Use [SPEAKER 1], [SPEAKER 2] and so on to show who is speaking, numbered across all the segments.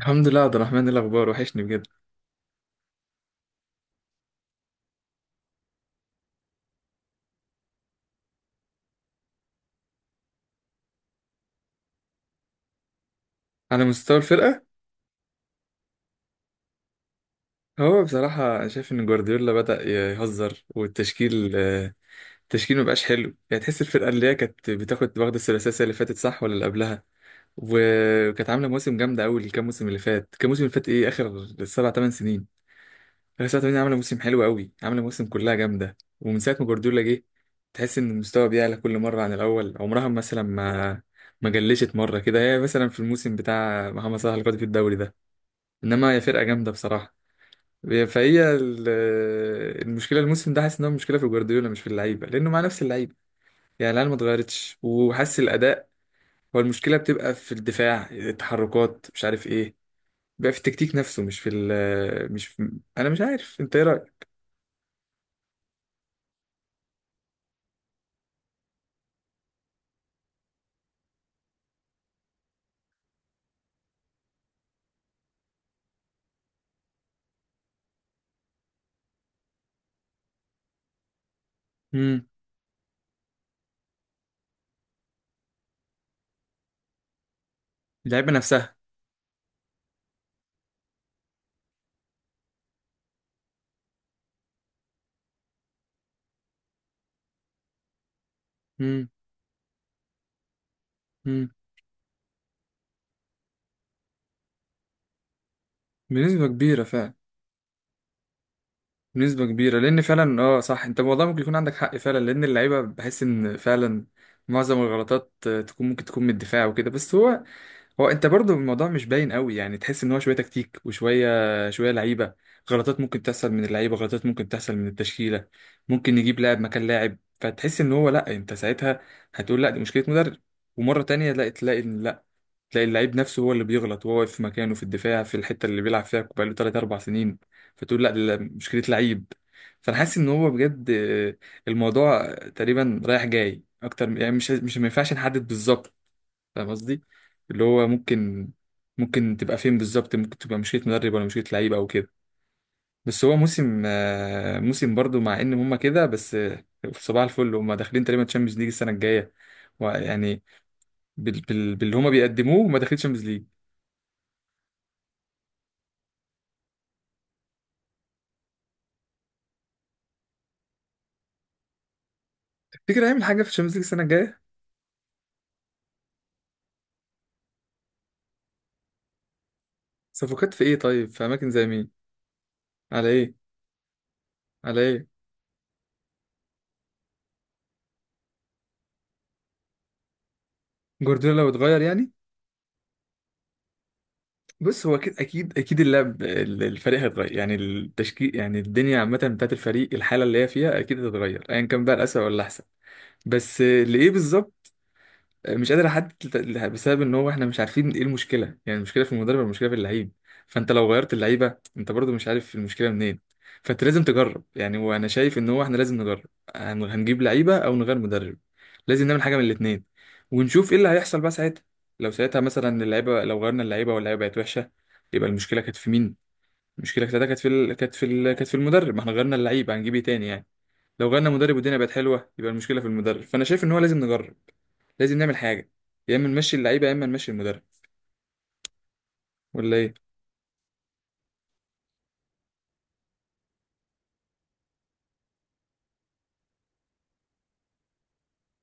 [SPEAKER 1] الحمد لله، عبد الرحمن. إيه الاخبار؟ وحشني بجد. على مستوى الفرقه. هو بصراحه شايف ان جوارديولا بدا يهزر، والتشكيل آه، التشكيل مبقاش حلو. يعني تحس الفرقه اللي هي كانت واخده الثلاثيه السنة اللي فاتت، صح؟ ولا اللي قبلها. وكانت عامله مواسم جامده قوي، الكام موسم اللي فات كام موسم اللي فات، ايه؟ اخر 7 8 سنين. اخر سبع ثمان عامله موسم حلو قوي، عامله موسم كلها جامده، ومن ساعه ما جوارديولا جه تحس ان المستوى بيعلى كل مره عن الاول. عمرها مثلا ما جلشت مره كده، هي مثلا في الموسم بتاع محمد صلاح اللي خد فيه الدوري ده. انما هي فرقه جامده بصراحه. فهي ال- المشكله الموسم ده، حاسس ان هو مشكله في جوارديولا مش في اللعيبه، لانه مع نفس اللعيبه. يعني العيال ما اتغيرتش، وحاسس الاداء، هو المشكله بتبقى في الدفاع، التحركات، مش عارف ايه. بقى في التكتيك نفسه، مش في. انا مش عارف انت ايه رايك. امم. اللعيبه نفسها. امم. امم. بنسبه كبيره فعلا. بنسبه كبيره، لان فعلا، اه، صح. انت والله ممكن يكون عندك حق فعلا، لان اللعيبه بحس ان فعلا معظم الغلطات ممكن تكون من الدفاع وكده. بس هو، هو انت برضو الموضوع مش باين قوي. يعني تحس ان هو شويه تكتيك وشويه شويه لعيبه. غلطات ممكن تحصل من اللعيبه، غلطات ممكن تحصل من التشكيله. ممكن نجيب لاعب مكان لاعب، فتحس ان هو لا، انت ساعتها هتقول لا، دي مشكله مدرب. ومره تانية لا، تلاقي ان لا تلاقي اللعيب نفسه هو اللي بيغلط، وهو واقف في مكانه في الدفاع في الحته اللي بيلعب فيها بقاله 3 4 سنين. فتقول لا، دي مشكله لعيب. فانا حاسس ان هو بجد، الموضوع تقريبا رايح جاي يعني مش مش ما ينفعش نحدد بالظبط. فاهم قصدي؟ اللي هو ممكن تبقى فين بالظبط، ممكن تبقى مشيت مدرب ولا مشيت لعيب او كده. بس هو موسم برضو، مع ان هما كده، بس صباح الفل. هما داخلين تقريبا تشامبيونز ليج السنه الجايه، ويعني باللي هما بيقدموه، هما داخلين تشامبيونز ليج. تفتكر هيعمل حاجه في تشامبيونز ليج السنه الجايه؟ صفقات في ايه؟ طيب في اماكن زي مين؟ على ايه؟ على ايه؟ جوارديولا لو اتغير يعني. بص، هو اكيد اكيد اكيد الفريق هيتغير، يعني التشكيل، يعني الدنيا عامه بتاعت الفريق، الحاله اللي هي فيها اكيد هتتغير، ايا كان بقى الاسوء ولا الاحسن. بس لايه بالظبط، مش قادر احدد بسبب ان هو احنا مش عارفين ايه المشكله، يعني المشكله في المدرب ولا المشكله في اللعيب. فانت لو غيرت اللعيبه انت برضو مش عارف المشكله منين. فانت لازم تجرب، يعني وانا شايف ان هو احنا لازم نجرب. هنجيب لعيبه او نغير مدرب، لازم نعمل حاجه من الاثنين، ونشوف ايه اللي هيحصل بقى ساعتها. لو ساعتها مثلا اللعيبه، لو غيرنا اللعيبه واللعيبه بقت وحشه، يبقى المشكله كانت في مين؟ المشكله كانت في ال... كانت في ال... كانت في المدرب، ما احنا غيرنا اللعيبه هنجيب ايه تاني يعني. لو غيرنا مدرب والدنيا بقت حلوه، يبقى المشكله في المدرب. فانا شايف ان هو لازم نجرب، لازم نعمل حاجه. يا اما نمشي اللعيبه يا اما نمشي المدرب، ولا ايه؟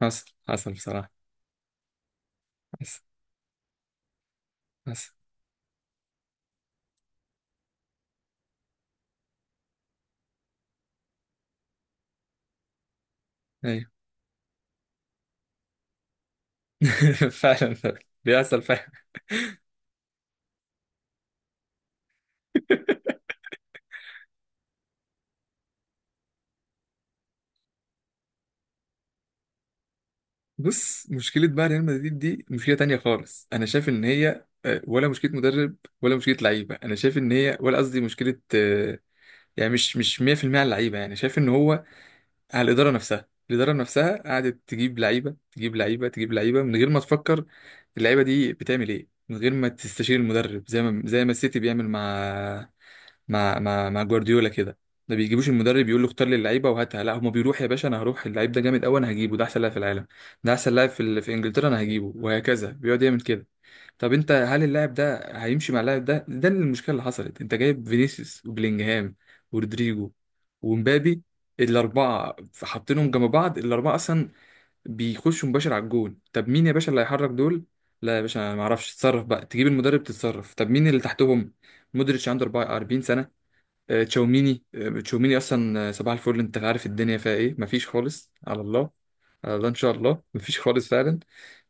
[SPEAKER 1] حصل، حصل بصراحه. حصل، حصل، ايوه. فعلا فعلا، بيحصل فعلا. بص، مشكله بقى ريال مدريد دي مشكله تانية خالص. انا شايف ان هي، ولا مشكله مدرب ولا مشكله لعيبه. انا شايف ان هي ولا قصدي مشكله، يعني مش مش 100% على اللعيبه. يعني شايف ان هو على الإدارة نفسها قعدت تجيب لعيبة تجيب لعيبة تجيب لعيبة من غير ما تفكر اللعيبة دي بتعمل إيه، من غير ما تستشير المدرب، زي ما السيتي بيعمل مع جوارديولا كده. ما بيجيبوش المدرب يقول له اختار لي اللعيبه وهاتها، لا، هما بيروح يا باشا انا هروح اللعيب ده جامد قوي انا هجيبه، ده احسن لاعب في العالم، ده احسن لاعب في انجلترا انا هجيبه. وهكذا بيقعد يعمل كده. طب انت هل اللاعب ده هيمشي مع اللاعب ده اللي المشكله اللي حصلت، انت جايب فينيسيوس وبلينجهام ورودريجو ومبابي، الاربعه حاطينهم جنب بعض، الاربعه اصلا بيخشوا مباشر على الجون. طب مين يا باشا اللي هيحرك دول؟ لا يا باشا، انا ما اعرفش. تتصرف بقى، تجيب المدرب، تتصرف. طب مين اللي تحتهم؟ مودريتش عنده 44 سنه. تشاوميني اصلا، صباح الفل. انت عارف الدنيا فيها ايه؟ مفيش خالص، على الله. على الله، ان شاء الله، مفيش خالص فعلا.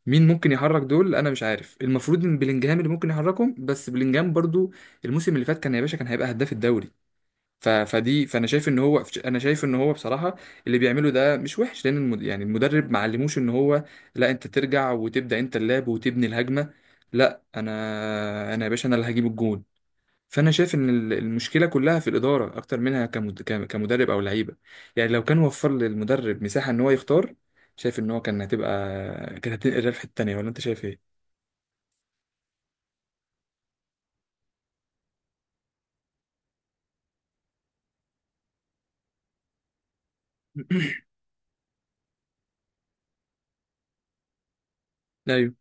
[SPEAKER 1] مين ممكن يحرك دول؟ انا مش عارف. المفروض ان بلينجهام اللي ممكن يحركهم، بس بلينجهام برضو الموسم اللي فات كان يا باشا كان هيبقى هداف الدوري. فدي، فانا شايف ان هو انا شايف ان هو بصراحه اللي بيعمله ده مش وحش، لان يعني المدرب ما علموش ان هو لا، انت ترجع وتبدا انت اللعب وتبني الهجمه. لا انا يا باشا، انا اللي هجيب الجون. فانا شايف ان المشكله كلها في الاداره اكتر منها كمدرب او لعيبه. يعني لو كان وفر للمدرب مساحه ان هو يختار، شايف ان هو كان هتبقى كانت هتنقل الريال في حته تانيه. ولا انت شايف ايه؟ لا، ايوه،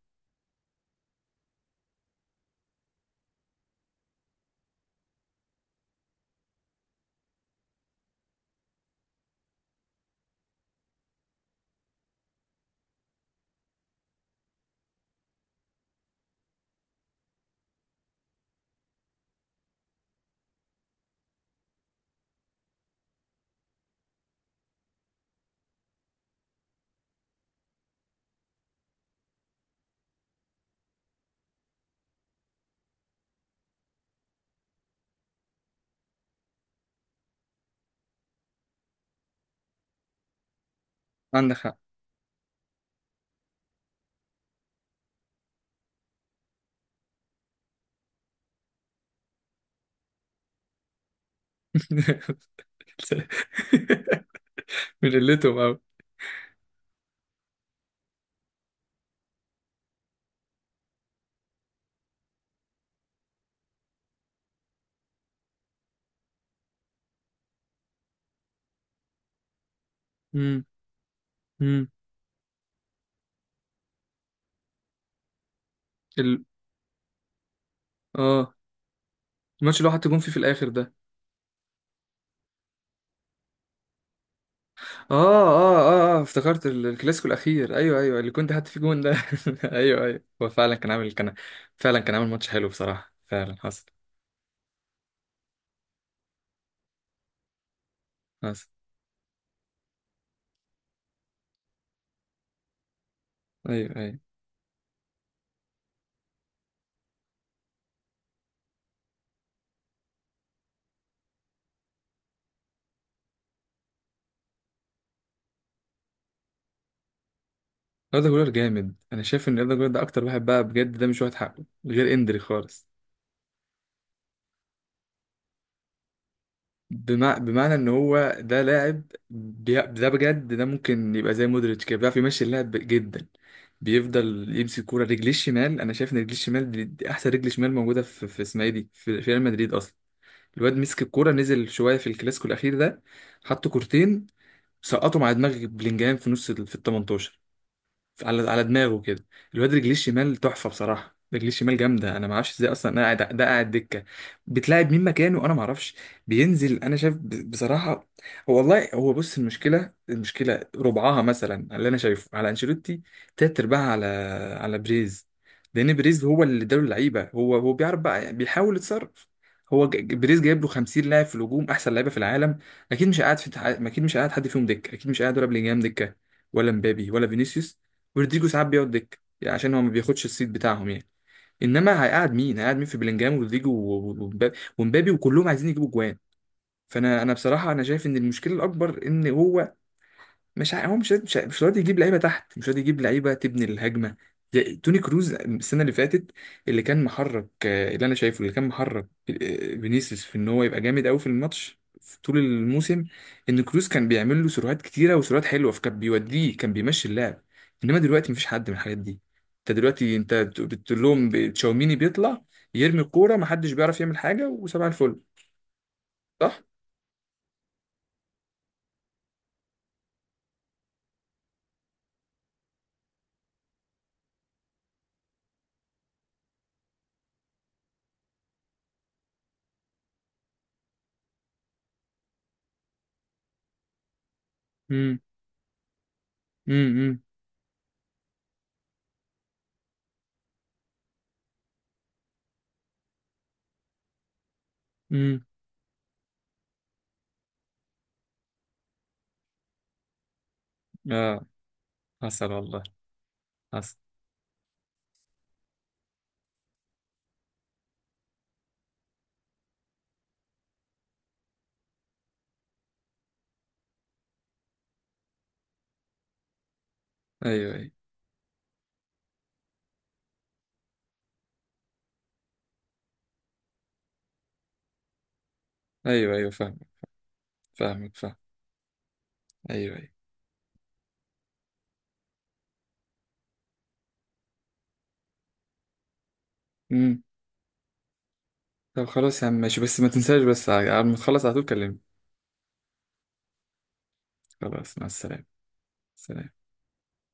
[SPEAKER 1] عندك حق. من قلتهم قوي. امم. امم. ال... اه الماتش اللي هو حط جون فيه في الاخر ده. اه، اه، اه، اه، افتكرت الكلاسيكو الاخير. ايوه، ايوه، اللي كنت حاطط فيه جون ده. ايوه، ايوه. هو فعلا كان عامل فعلا كان عامل ماتش حلو بصراحه، فعلا حصل. حصل، ايوه، ايوه. أردا جولر جامد. أنا شايف إن أردا جولر ده أكتر واحد بقى بجد، ده مش واخد حقه غير إندري خالص. بمعنى إن هو ده لاعب، ده بجد، ده ممكن يبقى زي مودريتش كده، بيعرف يمشي اللعب جدا. بيفضل يمسك كورة، رجليه الشمال، أنا شايف إن رجليه الشمال دي أحسن رجل شمال موجودة في اسمها إيه دي في ريال مدريد أصلا. الواد مسك الكورة، نزل شوية في الكلاسيكو الأخير ده، حط كورتين سقطوا مع دماغ بلينجهام في ال 18، على دماغه كده. الواد رجليه الشمال تحفه بصراحه، رجليه الشمال جامده. انا ما اعرفش ازاي اصلا، انا قاعد ده قاعد دكه، بتلاعب مين مكانه، انا ما اعرفش. بينزل، انا شايف بصراحه. هو والله هو بص، المشكله ربعها مثلا اللي انا شايفه على انشيلوتي، تلات ارباعها على بريز، لان بريز هو اللي اداله اللعيبه. هو بيعرف بقى، بيحاول يتصرف. هو بريز جايب له 50 لاعب في الهجوم، احسن لعيبه في العالم. اكيد مش قاعد في اكيد مش قاعد حد فيهم دكه، اكيد مش قاعد ولا بلينجهام دكه، ولا مبابي ولا فينيسيوس. ورودريجو ساعات بيقعد دكة يعني، عشان هو ما بياخدش السيت بتاعهم يعني. انما هيقعد مين، هيقعد مين في بلينجهام ورودريجو ومبابي وكلهم عايزين يجيبوا جوان. فانا بصراحه، انا شايف ان المشكله الاكبر ان هو مش ع- هو مش راضي يجيب لعيبه تحت، مش راضي يجيب لعيبه تبني الهجمه. زي توني كروز السنه اللي فاتت، اللي كان محرك، اللي انا شايفه، اللي كان محرك، فينيسيوس، في ان هو يبقى جامد قوي في الماتش، في طول الموسم. ان كروز كان بيعمل له سيروهات كتيره وسيروهات حلوه، فكان بيوديه، كان بيمشي اللعب. انما دلوقتي مفيش حد من الحاجات دي. انت دلوقتي انت بتقول لهم، تشاوميني بيطلع يرمي الكوره، محدش بيعرف يعمل حاجه. وسبع الفل. صح؟ امم. امم. امم. اه. حصل والله، حصل، ايوه، ايوه، ايوه، ايوه، فاهمك، فاهمك، فاهم، ايوه، ايوه، امم. طب خلاص يا عم، ماشي، بس ما تنساش، بس على ما تخلص على طول كلمني. خلاص، مع السلامة. سلام.